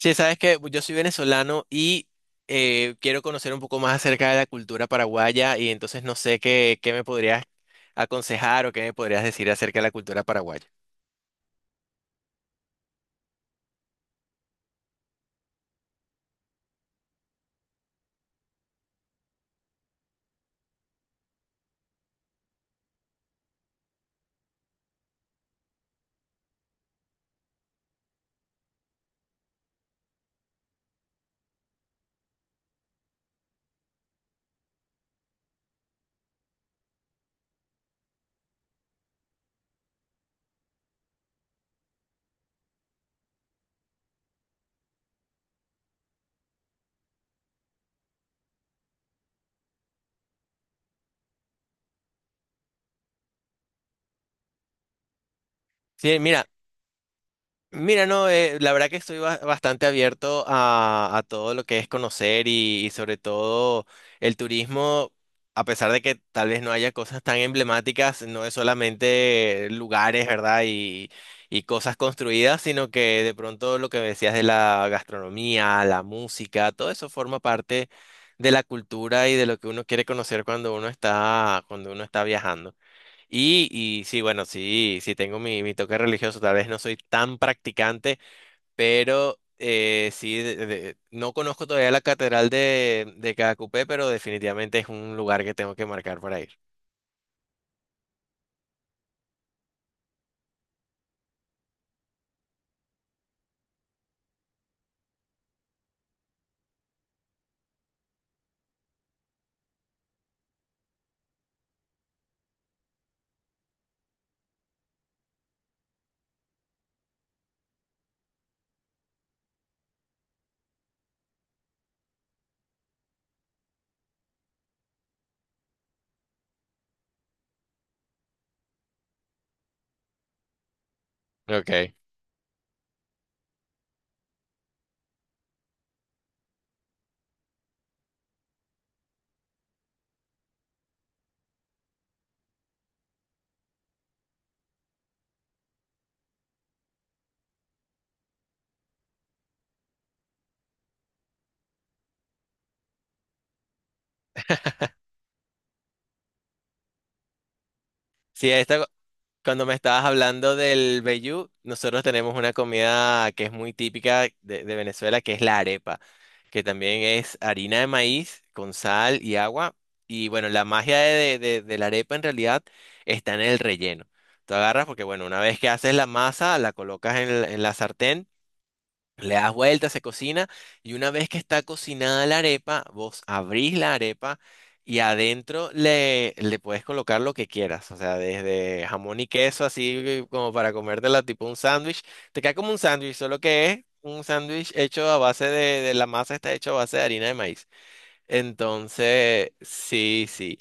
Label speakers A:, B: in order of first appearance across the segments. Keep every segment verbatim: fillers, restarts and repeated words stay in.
A: Sí, sabes que yo soy venezolano y eh, quiero conocer un poco más acerca de la cultura paraguaya y entonces no sé qué, qué me podrías aconsejar o qué me podrías decir acerca de la cultura paraguaya. Sí, mira. Mira, no, eh, la verdad que estoy ba- bastante abierto a, a todo lo que es conocer y, y sobre todo el turismo. A pesar de que tal vez no haya cosas tan emblemáticas, no es solamente lugares, ¿verdad? Y, y cosas construidas, sino que de pronto lo que decías de la gastronomía, la música, todo eso forma parte de la cultura y de lo que uno quiere conocer cuando uno está, cuando uno está viajando. Y, y sí, bueno, sí, sí tengo mi, mi toque religioso, tal vez no soy tan practicante, pero eh, sí, de- de- no conozco todavía la catedral de, de Cacupé, pero definitivamente es un lugar que tengo que marcar para ir. Ok. Sí, esta. Cuando me estabas hablando del vellú, nosotros tenemos una comida que es muy típica de, de Venezuela, que es la arepa, que también es harina de maíz con sal y agua. Y bueno, la magia de, de- de la arepa en realidad está en el relleno. Tú agarras porque, bueno, una vez que haces la masa, la colocas en, el- en la sartén, le das vuelta, se cocina, y una vez que está cocinada la arepa, vos abrís la arepa y adentro le, le puedes colocar lo que quieras. O sea, desde jamón y queso, así como para comértela tipo un sándwich. Te queda como un sándwich, solo que es un sándwich hecho a base de, de la masa está hecha a base de harina de maíz. Entonces, sí, sí.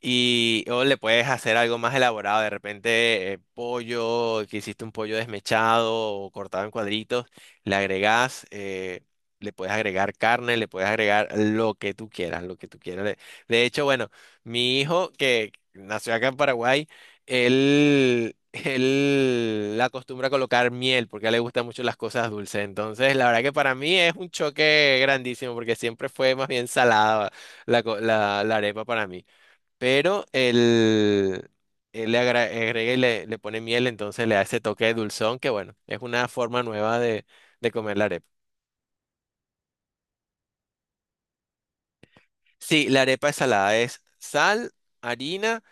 A: Y o le puedes hacer algo más elaborado, de repente eh, pollo, que hiciste un pollo desmechado o cortado en cuadritos, le agregas, eh, le puedes agregar carne, le puedes agregar lo que tú quieras, lo que tú quieras. De de hecho, bueno, mi hijo que nació acá en Paraguay, él, él acostumbra a colocar miel porque a él le gustan mucho las cosas dulces. Entonces, la verdad que para mí es un choque grandísimo porque siempre fue más bien salada la, co- la, la arepa para mí. Pero él, él le agra- agrega y le, le pone miel, entonces le da ese toque de dulzón que, bueno, es una forma nueva de, de comer la arepa. Sí, la arepa es salada, es sal, harina.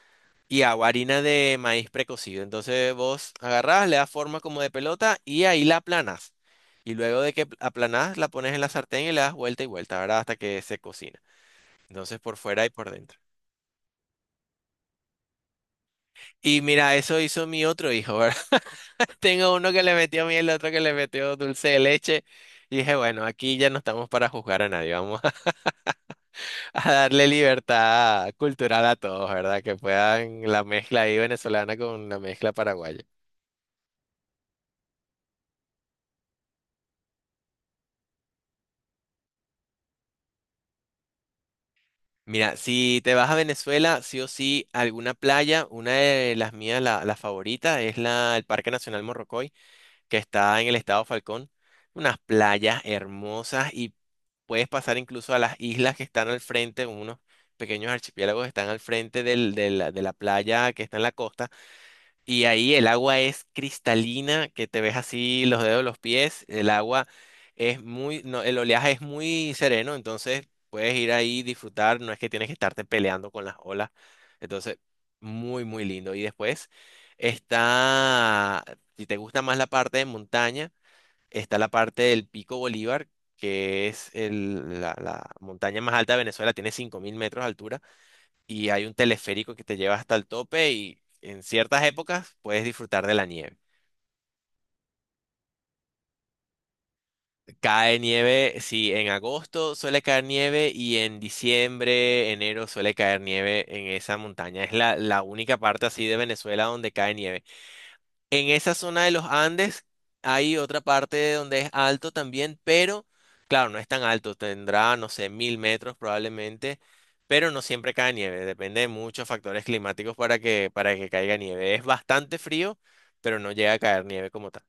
A: Y hago harina de maíz precocido. Entonces vos agarrás, le das forma como de pelota y ahí la aplanas. Y luego de que aplanás, la pones en la sartén y le das vuelta y vuelta, ¿verdad? Hasta que se cocina. Entonces por fuera y por dentro. Y mira, eso hizo mi otro hijo, ¿verdad? Tengo uno que le metió miel, el otro que le metió dulce de leche. Y dije, bueno, aquí ya no estamos para juzgar a nadie, vamos a, a darle libertad cultural a todos, ¿verdad? Que puedan la mezcla ahí venezolana con la mezcla paraguaya. Mira, si te vas a Venezuela, sí o sí, alguna playa, una de las mías, la, la favorita, es la, el Parque Nacional Morrocoy, que está en el estado Falcón. Unas playas hermosas y puedes pasar incluso a las islas que están al frente, unos pequeños archipiélagos que están al frente del- de la, de la playa que está en la costa. Y ahí el agua es cristalina, que te ves así los dedos de los pies. El agua es muy, no, el oleaje es muy sereno, entonces puedes ir ahí disfrutar, no es que tienes que estarte peleando con las olas. Entonces, muy, muy lindo. Y después está, si te gusta más la parte de montaña, está la parte del Pico Bolívar, que es el- la, la montaña más alta de Venezuela, tiene cinco mil metros de altura y hay un teleférico que te lleva hasta el tope y en ciertas épocas puedes disfrutar de la nieve. Cae nieve, sí, en agosto suele caer nieve y en diciembre, enero suele caer nieve en esa montaña. Es la, la única parte así de Venezuela donde cae nieve. En esa zona de los Andes hay otra parte donde es alto también, pero claro, no es tan alto, tendrá, no sé, mil metros probablemente, pero no siempre cae nieve, depende de muchos factores climáticos para que, para que caiga nieve. Es bastante frío, pero no llega a caer nieve como tal.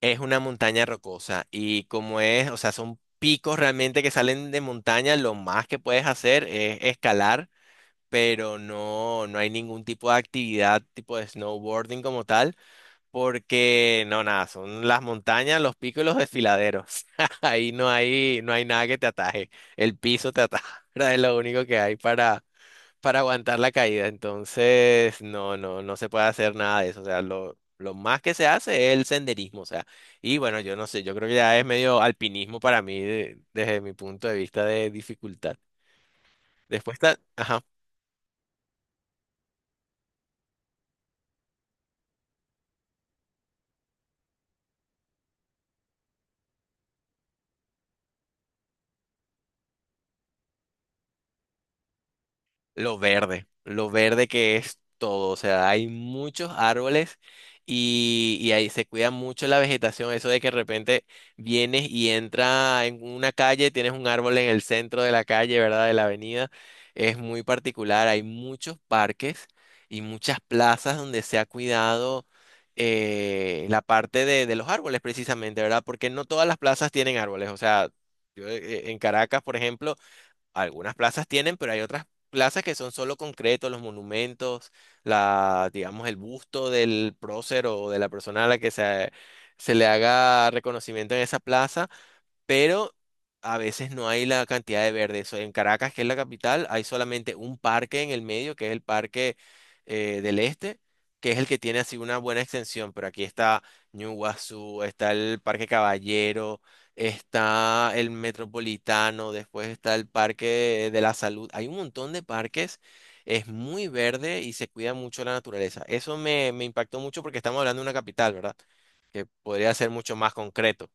A: Es una montaña rocosa y como es, o sea, son picos realmente que salen de montaña, lo más que puedes hacer es escalar, pero no, no hay ningún tipo de actividad tipo de snowboarding como tal. Porque no, nada, son las montañas, los picos y los desfiladeros. Ahí no hay, no hay nada que te ataje. El piso te ataja, ¿verdad? Es lo único que hay para, para aguantar la caída. Entonces, no, no, no se puede hacer nada de eso. O sea, lo, lo más que se hace es el senderismo. O sea, y bueno, yo no sé, yo creo que ya es medio alpinismo para mí de- desde mi punto de vista de dificultad. Después está, ajá. Lo verde, lo verde que es todo, o sea, hay muchos árboles y, y ahí se cuida mucho la vegetación, eso de que de repente vienes y entra en una calle, tienes un árbol en el centro de la calle, ¿verdad? De la avenida, es muy particular, hay muchos parques y muchas plazas donde se ha cuidado eh, la parte de, de los árboles precisamente, ¿verdad? Porque no todas las plazas tienen árboles, o sea, yo eh, en Caracas, por ejemplo, algunas plazas tienen, pero hay otras plazas que son solo concretos, los monumentos, la, digamos, el busto del prócer o de la persona a la que se, se le haga reconocimiento en esa plaza, pero a veces no hay la cantidad de verde. Eso, en Caracas, que es la capital, hay solamente un parque en el medio, que es el Parque eh, del Este, que es el que tiene así una buena extensión, pero aquí está Ñuguazú, está el Parque Caballero, está el Metropolitano, después está el Parque de la Salud. Hay un montón de parques. Es muy verde y se cuida mucho la naturaleza. Eso me, me impactó mucho porque estamos hablando de una capital, ¿verdad? Que podría ser mucho más concreto.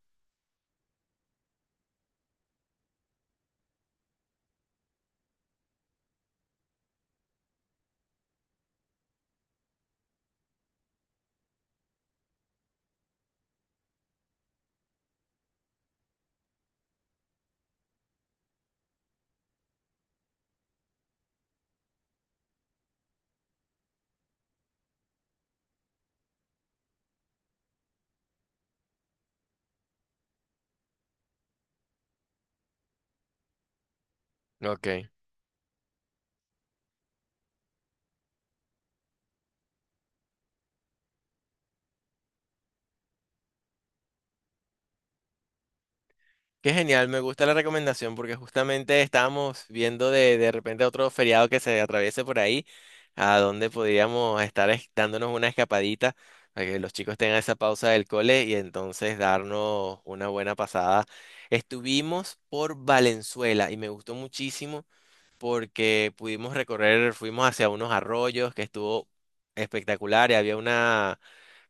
A: Ok. Qué genial, me gusta la recomendación porque justamente estábamos viendo de, de repente otro feriado que se atraviese por ahí, a donde podríamos estar es- dándonos una escapadita para que los chicos tengan esa pausa del cole y entonces darnos una buena pasada. Estuvimos por Valenzuela y me gustó muchísimo porque pudimos recorrer, fuimos hacia unos arroyos que estuvo espectacular y había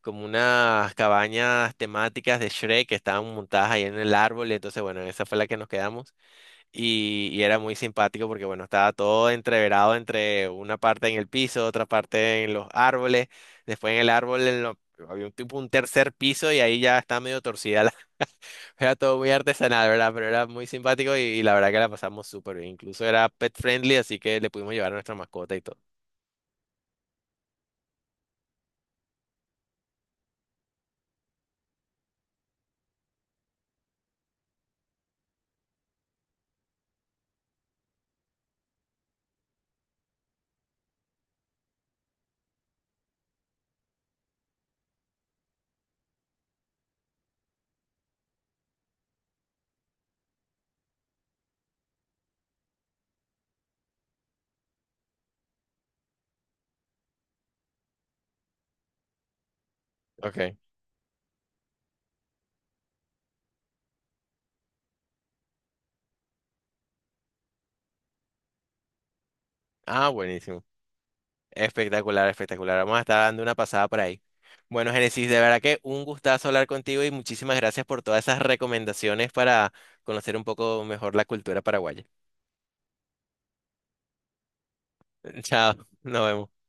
A: como unas cabañas temáticas de Shrek que estaban montadas ahí en el árbol, y entonces, bueno, esa fue la que nos quedamos y, y era muy simpático porque, bueno, estaba todo entreverado entre una parte en el piso, otra parte en los árboles, después en el árbol en lo- había un tipo un tercer piso y ahí ya está medio torcida, la- era todo muy artesanal, ¿verdad? Pero era muy simpático y, y la verdad que la pasamos súper bien, incluso era pet friendly, así que le pudimos llevar a nuestra mascota y todo. Ok. Ah, buenísimo. Espectacular, espectacular. Vamos a estar dando una pasada por ahí. Bueno, Génesis, de verdad que un gustazo hablar contigo y muchísimas gracias por todas esas recomendaciones para conocer un poco mejor la cultura paraguaya. Chao, nos vemos.